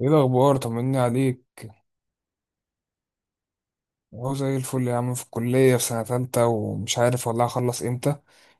ايه الاخبار؟ طمني عليك. اهو زي الفل يا عم. في الكليه في سنه تالتة ومش عارف والله هخلص امتى.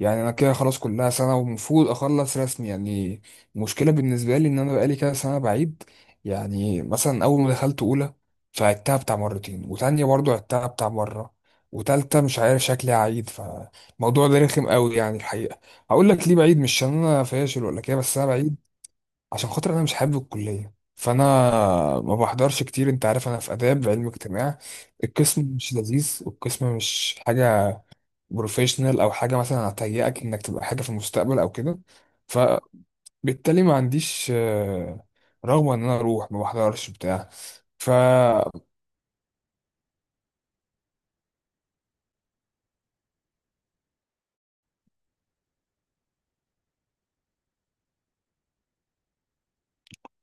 يعني انا كده خلاص كلها سنه ومفروض اخلص رسمي يعني. المشكله بالنسبه لي ان انا بقالي كده سنه بعيد. يعني مثلا اول ما دخلت اولى، فعدتها بتاع مرتين، وتانية برضو عدتها بتاع مره، وتالتة مش عارف شكلي هعيد. فالموضوع ده رخم قوي يعني الحقيقه. هقول لك ليه بعيد، مش عشان انا فاشل ولا كده، بس انا بعيد عشان خاطر انا مش حابب الكليه. فانا ما بحضرش كتير. انت عارف انا في اداب علم اجتماع، القسم مش لذيذ والقسم مش حاجه بروفيشنال او حاجه مثلا هتهيئك انك تبقى حاجه في المستقبل او كده. فبالتالي ما عنديش رغبه ان انا اروح، ما بحضرش بتاع. ف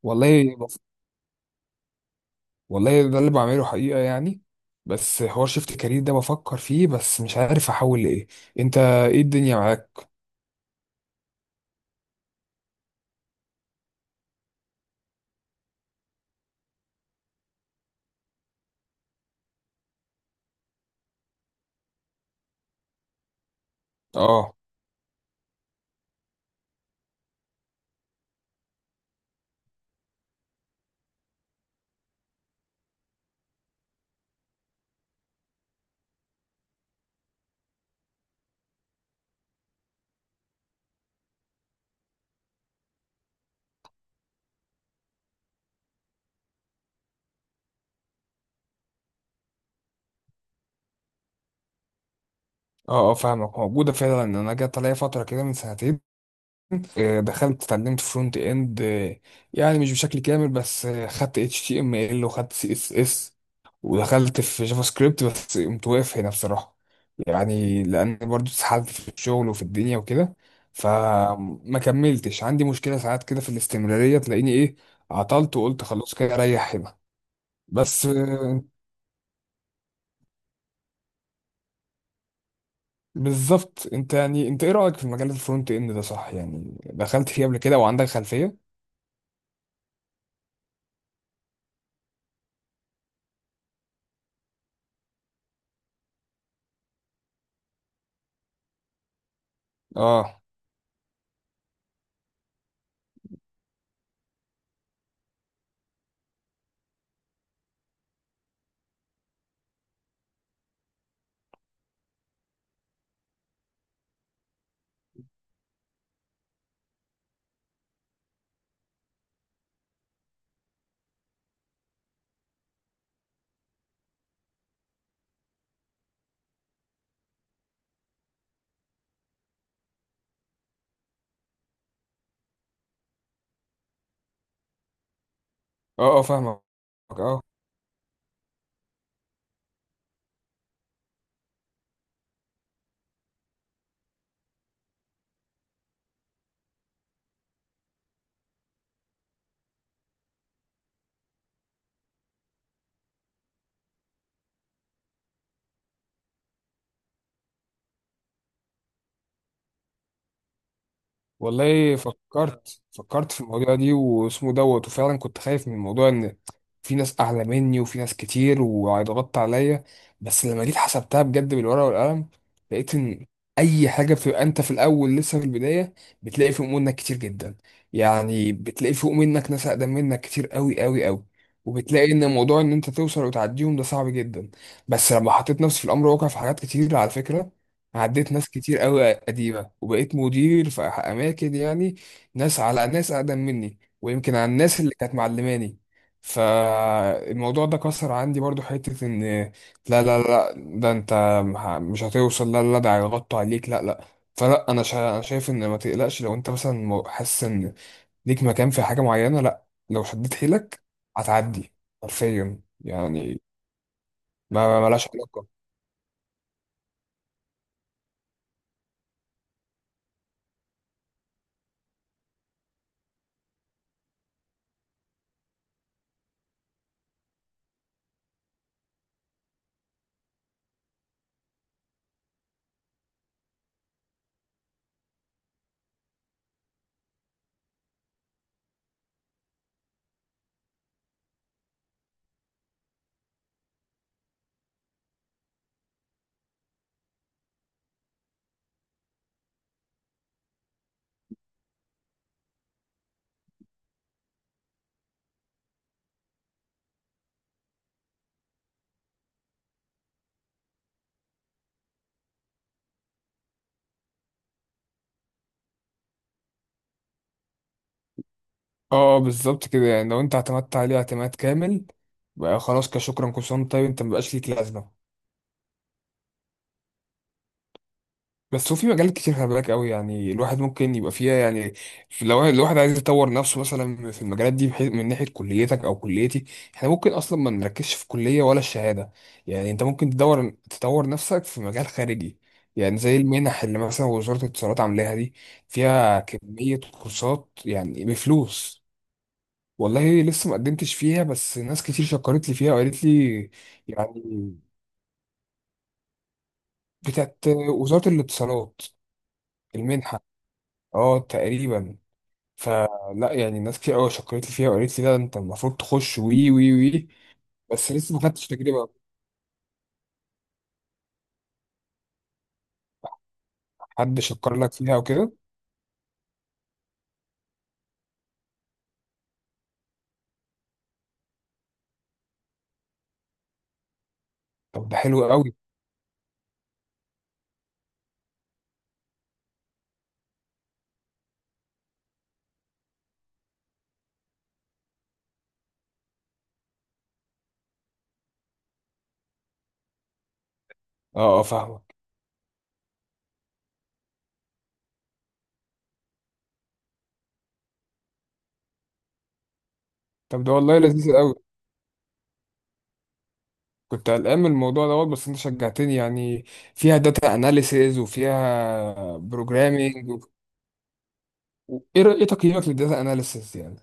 والله، والله ده اللي بعمله حقيقه يعني. بس حوار شيفت كارير ده بفكر فيه، بس مش عارف احول لايه. انت ايه الدنيا معاك؟ اه، اه، اه، فاهمك. موجودة فعلا. انا جت عليا فترة كده من سنتين، دخلت اتعلمت فرونت اند. يعني مش بشكل كامل بس، خدت HTML وخدت CSS. ودخلت في جافا سكريبت، بس قمت واقف هنا بصراحة. يعني لان برضو اتسحلت في الشغل وفي الدنيا وكده. فما كملتش. عندي مشكلة ساعات كده في الاستمرارية، تلاقيني ايه عطلت وقلت خلاص كده اريح هنا. بس بالظبط. انت يعني انت ايه رأيك في مجال الفرونت اند ده صح؟ يعني دخلت فيه قبل كده وعندك خلفية. اه، اه، اه، فاهمك. اه والله فكرت فكرت في الموضوع دي واسمه دوت، وفعلا كنت خايف من موضوع ان في ناس اعلى مني وفي ناس كتير وهيضغطوا عليا. بس لما جيت حسبتها بجد بالورقه والقلم، لقيت ان اي حاجه بتبقى انت في الاول لسه في البدايه، بتلاقي فوق منك كتير جدا. يعني بتلاقي فوق منك ناس اقدم منك كتير قوي قوي قوي. وبتلاقي ان موضوع ان انت توصل وتعديهم ده صعب جدا. بس لما حطيت نفسي في الامر واقع في حاجات كتير على فكره، عديت ناس كتير قوي قديمة وبقيت مدير في أماكن يعني، ناس على ناس أقدم مني ويمكن على الناس اللي كانت معلماني. فالموضوع ده كسر عندي برضو حتة إن لا، لا، لا، ده أنت مش هتوصل. لا، لا، ده هيغطوا عليك. لا، لا. فلا، أنا شايف إن ما تقلقش لو أنت مثلا حاسس إن ليك مكان في حاجة معينة. لا، لو شديت حيلك هتعدي حرفيا يعني. ملهاش علاقة. اه بالظبط كده. يعني لو انت اعتمدت عليه اعتماد كامل بقى خلاص، كشكرا كل سنه وأنت طيب، انت مبقاش ليك لازمه. بس هو في مجالات كتير، خلي بالك قوي يعني الواحد ممكن يبقى فيها يعني. لو الواحد عايز يطور نفسه مثلا في المجالات دي، بحيث من ناحيه كليتك او كليتي، احنا ممكن اصلا ما نركزش في كليه ولا الشهاده. يعني انت ممكن تدور تطور نفسك في مجال خارجي، يعني زي المنح اللي مثلا وزاره الاتصالات عاملاها دي، فيها كميه كورسات يعني بفلوس. والله لسه ما قدمتش فيها، بس ناس كتير شكرت لي فيها وقالت لي. يعني بتاعت وزارة الاتصالات، المنحة. اه تقريبا. فلا يعني ناس كتير قوي شكرت لي فيها وقالت لي لا انت المفروض تخش، وي وي وي. بس لسه ما خدتش تجربة. حد شكر لك فيها وكده؟ طب ده حلو قوي. اه، اه، فاهمك. طب ده والله لذيذ قوي. كنت قلقان من الموضوع دوت بس انت شجعتني يعني. فيها داتا اناليسيز وفيها بروجرامينج ايه إيه تقييمك للداتا اناليسيز يعني؟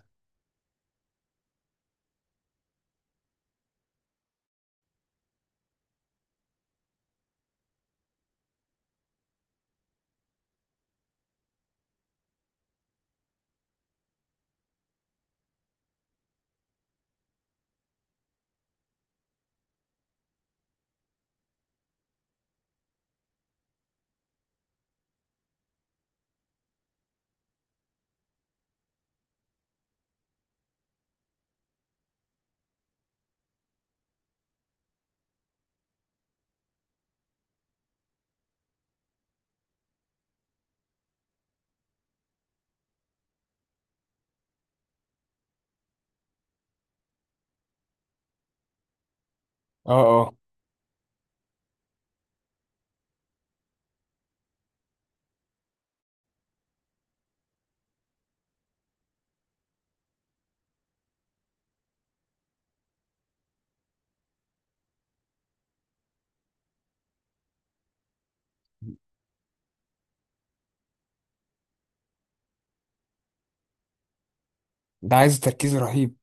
اه، آه. ده عايز تركيز رهيب.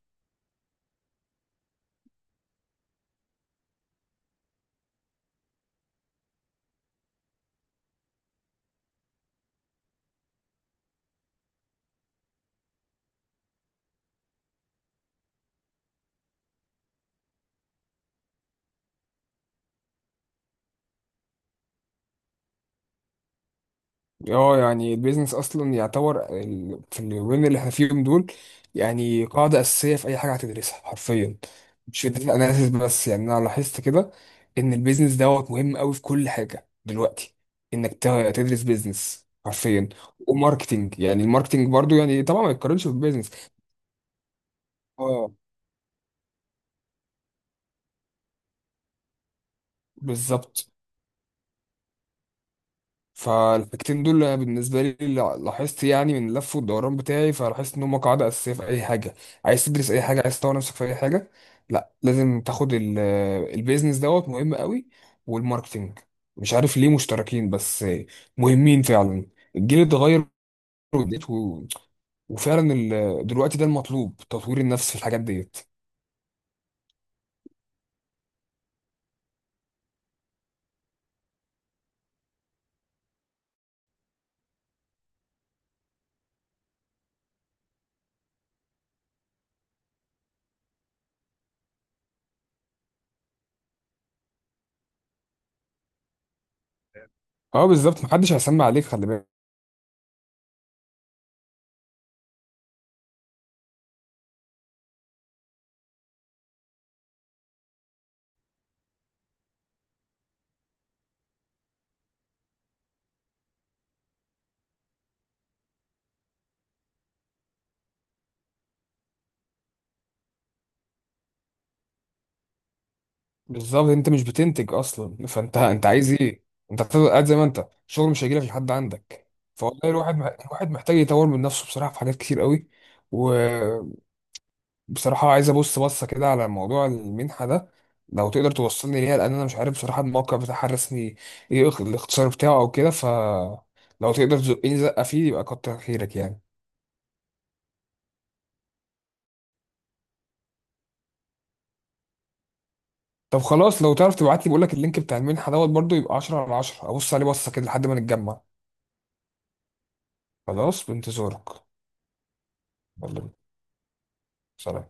اه، يعني البيزنس اصلا يعتبر في اليومين اللي احنا فيهم دول، يعني قاعده اساسيه في اي حاجه هتدرسها حرفيا. مش في data analysis بس، يعني انا لاحظت كده ان البيزنس دوت مهم قوي في كل حاجه دلوقتي. انك تدرس بيزنس حرفيا. وماركتنج، يعني الماركتنج برضو، يعني طبعا ما يتقارنش بالبيزنس. اه بالظبط. فالحاجتين دول بالنسبة لي لاحظت يعني من اللف والدوران بتاعي، فلاحظت إن هما قاعدة أساسية في أي حاجة. عايز تدرس أي حاجة، عايز تطور نفسك في أي حاجة، لا لازم تاخد البيزنس دوت مهم قوي، والماركتينج. مش عارف ليه مشتركين بس مهمين فعلا. الجيل اتغير، وديت وفعلا دلوقتي ده المطلوب تطوير النفس في الحاجات ديت. اه بالظبط، محدش هيسمع عليك خلي بالك. بالظبط. انت مش بتنتج اصلا، فانت عايز ايه؟ انت هتفضل قاعد زي ما انت، شغل مش هيجيلك لحد عندك. فوالله الواحد، محتاج يطور من نفسه بصراحه في حاجات كتير قوي. وبصراحه عايز ابص بصه كده على موضوع المنحه ده. لو تقدر توصلني ليها، لان انا مش عارف بصراحه الموقع بتاعها الرسمي. ايه الاختصار بتاعه او كده؟ لو تقدر تزقني زقه فيه يبقى كتر خيرك يعني. طب خلاص، لو تعرف تبعت لي بقول لك اللينك بتاع المنحه دوت برضو يبقى 10 على 10، ابص عليه بصه كده لحد ما نتجمع. خلاص بانتظارك. يلا بينا. سلام.